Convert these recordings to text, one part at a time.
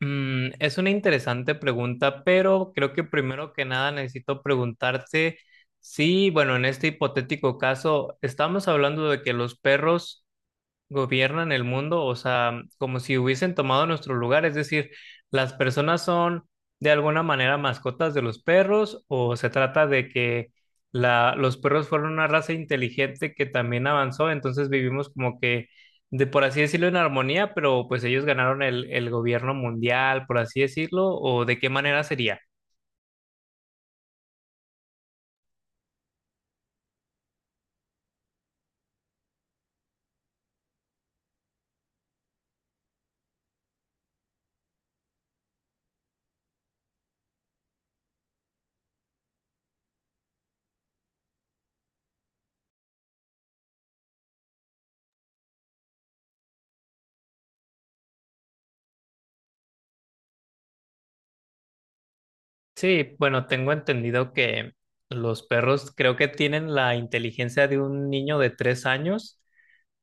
Es una interesante pregunta, pero creo que primero que nada necesito preguntarte si, bueno, en este hipotético caso, estamos hablando de que los perros gobiernan el mundo, o sea, como si hubiesen tomado nuestro lugar, es decir, las personas son de alguna manera mascotas de los perros, o se trata de que los perros fueron una raza inteligente que también avanzó, entonces vivimos como que, de por así decirlo, en armonía, pero pues ellos ganaron el gobierno mundial, por así decirlo, o de qué manera sería. Sí, bueno, tengo entendido que los perros creo que tienen la inteligencia de un niño de 3 años,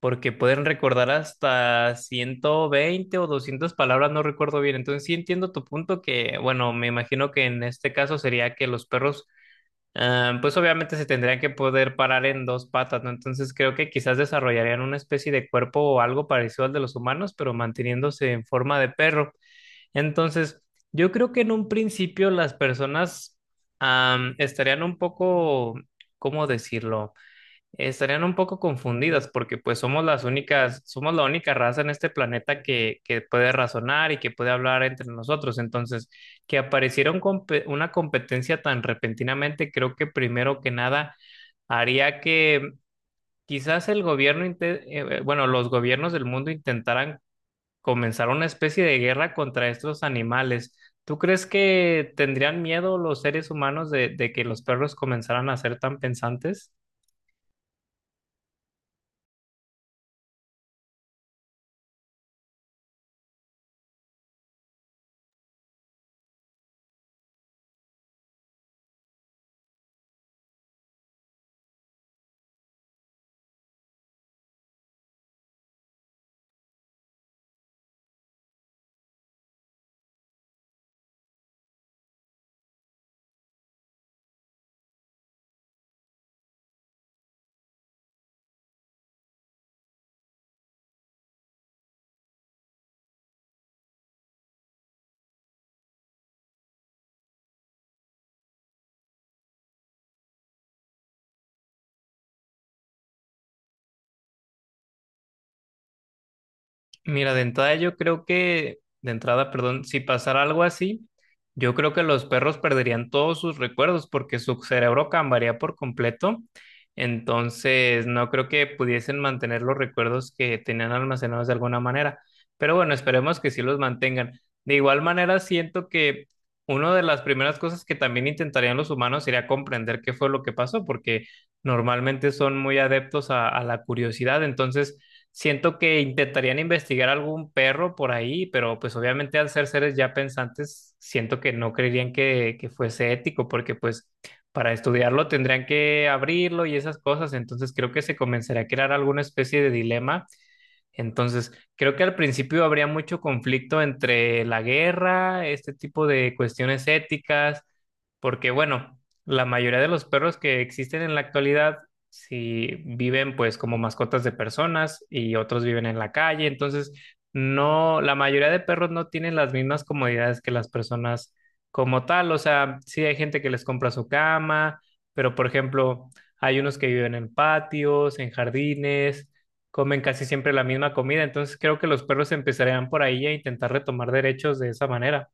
porque pueden recordar hasta 120 o 200 palabras, no recuerdo bien. Entonces sí entiendo tu punto que, bueno, me imagino que en este caso sería que los perros, ah, pues obviamente se tendrían que poder parar en dos patas, ¿no? Entonces creo que quizás desarrollarían una especie de cuerpo o algo parecido al de los humanos, pero manteniéndose en forma de perro. Entonces, yo creo que en un principio las personas, ah, estarían un poco, ¿cómo decirlo? Estarían un poco confundidas porque pues somos las únicas, somos la única raza en este planeta que puede razonar y que puede hablar entre nosotros. Entonces, que apareciera una competencia tan repentinamente, creo que primero que nada haría que quizás el gobierno, inte- bueno, los gobiernos del mundo intentaran comenzar una especie de guerra contra estos animales. ¿Tú crees que tendrían miedo los seres humanos de que los perros comenzaran a ser tan pensantes? Mira, de entrada yo creo que, de entrada, perdón, si pasara algo así, yo creo que los perros perderían todos sus recuerdos porque su cerebro cambiaría por completo. Entonces, no creo que pudiesen mantener los recuerdos que tenían almacenados de alguna manera. Pero bueno, esperemos que sí los mantengan. De igual manera, siento que una de las primeras cosas que también intentarían los humanos sería comprender qué fue lo que pasó, porque normalmente son muy adeptos a la curiosidad. Entonces, siento que intentarían investigar algún perro por ahí, pero pues obviamente al ser seres ya pensantes, siento que no creerían que fuese ético, porque pues para estudiarlo tendrían que abrirlo y esas cosas. Entonces creo que se comenzaría a crear alguna especie de dilema. Entonces, creo que al principio habría mucho conflicto entre la guerra, este tipo de cuestiones éticas, porque bueno, la mayoría de los perros que existen en la actualidad, si viven pues como mascotas de personas y otros viven en la calle. Entonces no, la mayoría de perros no tienen las mismas comodidades que las personas como tal, o sea, sí hay gente que les compra su cama, pero por ejemplo, hay unos que viven en patios, en jardines, comen casi siempre la misma comida. Entonces creo que los perros empezarían por ahí a intentar retomar derechos de esa manera.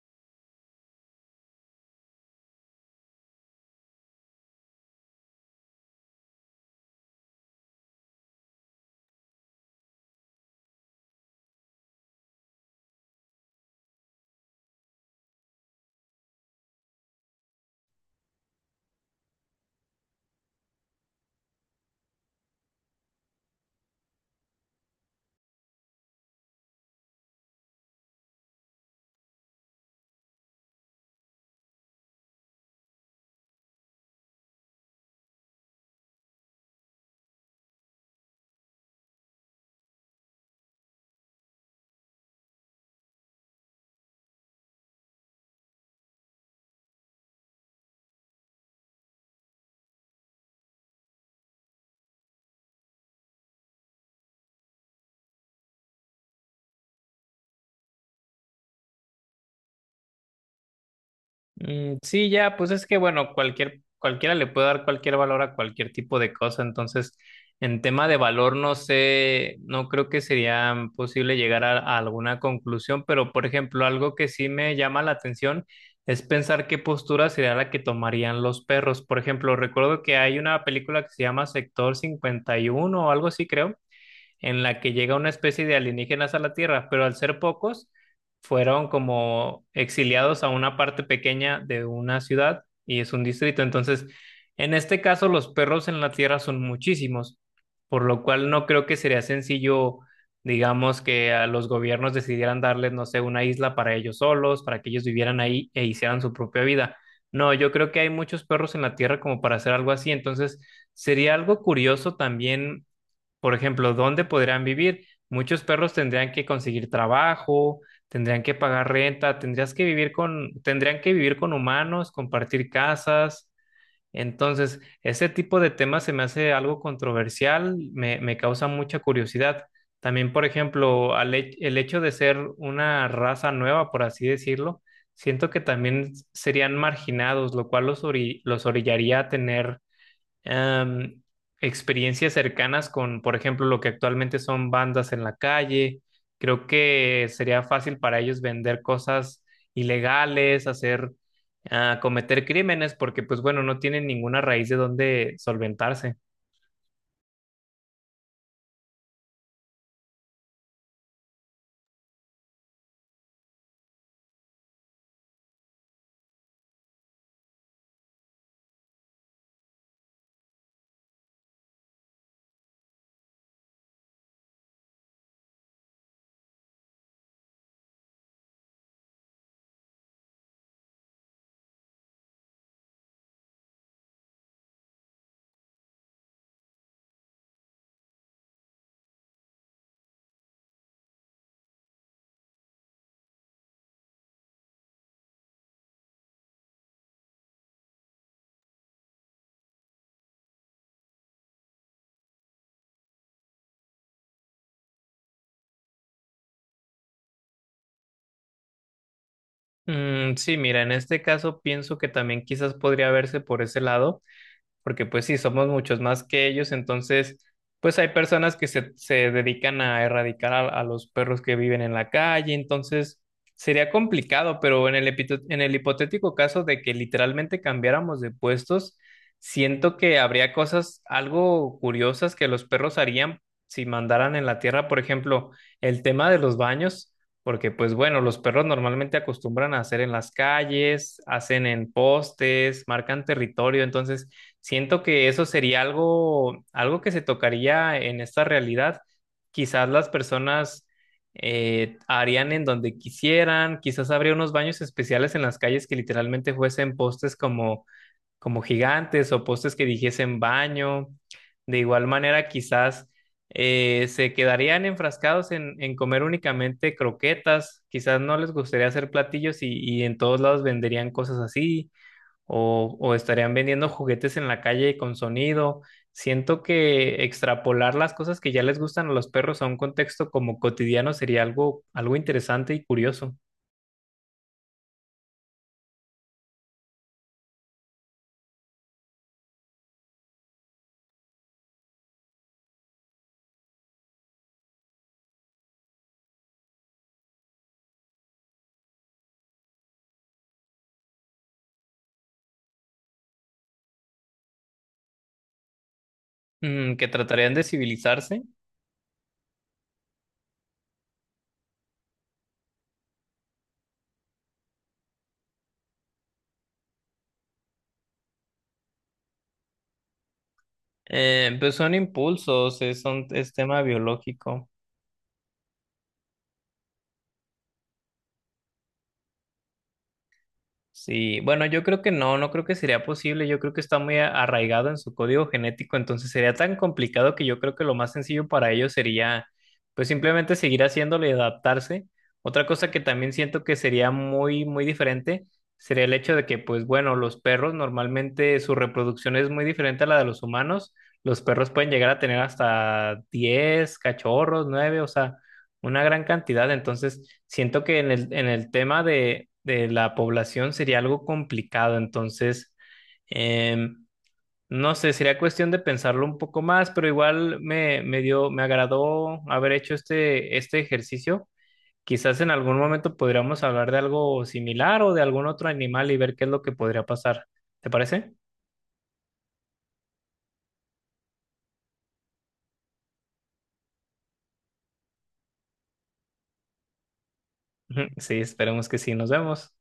Mm, sí, ya, pues es que, bueno, cualquier, cualquiera le puede dar cualquier valor a cualquier tipo de cosa. Entonces, en tema de valor, no sé, no creo que sería posible llegar a alguna conclusión, pero por ejemplo, algo que sí me llama la atención es pensar qué postura sería la que tomarían los perros. Por ejemplo, recuerdo que hay una película que se llama Sector 51 o algo así, creo, en la que llega una especie de alienígenas a la Tierra, pero al ser pocos, fueron como exiliados a una parte pequeña de una ciudad y es un distrito. Entonces, en este caso, los perros en la Tierra son muchísimos, por lo cual no creo que sería sencillo, digamos, que a los gobiernos decidieran darles, no sé, una isla para ellos solos, para que ellos vivieran ahí e hicieran su propia vida. No, yo creo que hay muchos perros en la Tierra como para hacer algo así. Entonces, sería algo curioso también. Por ejemplo, ¿dónde podrían vivir? Muchos perros tendrían que conseguir trabajo, tendrían que pagar renta, tendrías que vivir con, tendrían que vivir con humanos, compartir casas. Entonces, ese tipo de temas se me hace algo controversial, me causa mucha curiosidad. También, por ejemplo, el hecho de ser una raza nueva, por así decirlo, siento que también serían marginados, lo cual los orillaría a tener em, experiencias cercanas con, por ejemplo, lo que actualmente son bandas en la calle. Creo que sería fácil para ellos vender cosas ilegales, cometer crímenes, porque pues bueno, no tienen ninguna raíz de donde solventarse. Mm, sí, mira, en este caso pienso que también quizás podría verse por ese lado. Porque pues sí, somos muchos más que ellos. Entonces pues hay personas que se dedican a erradicar a los perros que viven en la calle. Entonces sería complicado, pero en el hipotético caso de que literalmente cambiáramos de puestos, siento que habría cosas algo curiosas que los perros harían si mandaran en la tierra, por ejemplo, el tema de los baños. Porque pues bueno, los perros normalmente acostumbran a hacer en las calles, hacen en postes, marcan territorio. Entonces siento que eso sería algo, algo que se tocaría en esta realidad. Quizás las personas harían en donde quisieran. Quizás habría unos baños especiales en las calles que literalmente fuesen postes como gigantes o postes que dijesen baño. De igual manera, quizás se quedarían enfrascados en comer únicamente croquetas. Quizás no les gustaría hacer platillos, y en todos lados venderían cosas así, o estarían vendiendo juguetes en la calle con sonido. Siento que extrapolar las cosas que ya les gustan a los perros a un contexto como cotidiano sería algo, algo interesante y curioso. Que tratarían de civilizarse. Pues son impulsos, es tema biológico. Sí, bueno, yo creo que no, no creo que sería posible. Yo creo que está muy arraigado en su código genético. Entonces sería tan complicado que yo creo que lo más sencillo para ellos sería pues simplemente seguir haciéndolo y adaptarse. Otra cosa que también siento que sería muy, muy diferente sería el hecho de que pues bueno, los perros normalmente su reproducción es muy diferente a la de los humanos. Los perros pueden llegar a tener hasta 10 cachorros, 9, o sea, una gran cantidad. Entonces, siento que en el tema de la población sería algo complicado. Entonces, em, no sé, sería cuestión de pensarlo un poco más, pero igual me agradó haber hecho este ejercicio. Quizás en algún momento podríamos hablar de algo similar o de algún otro animal y ver qué es lo que podría pasar. ¿Te parece? Ujú, sí, esperemos que sí. Nos vemos.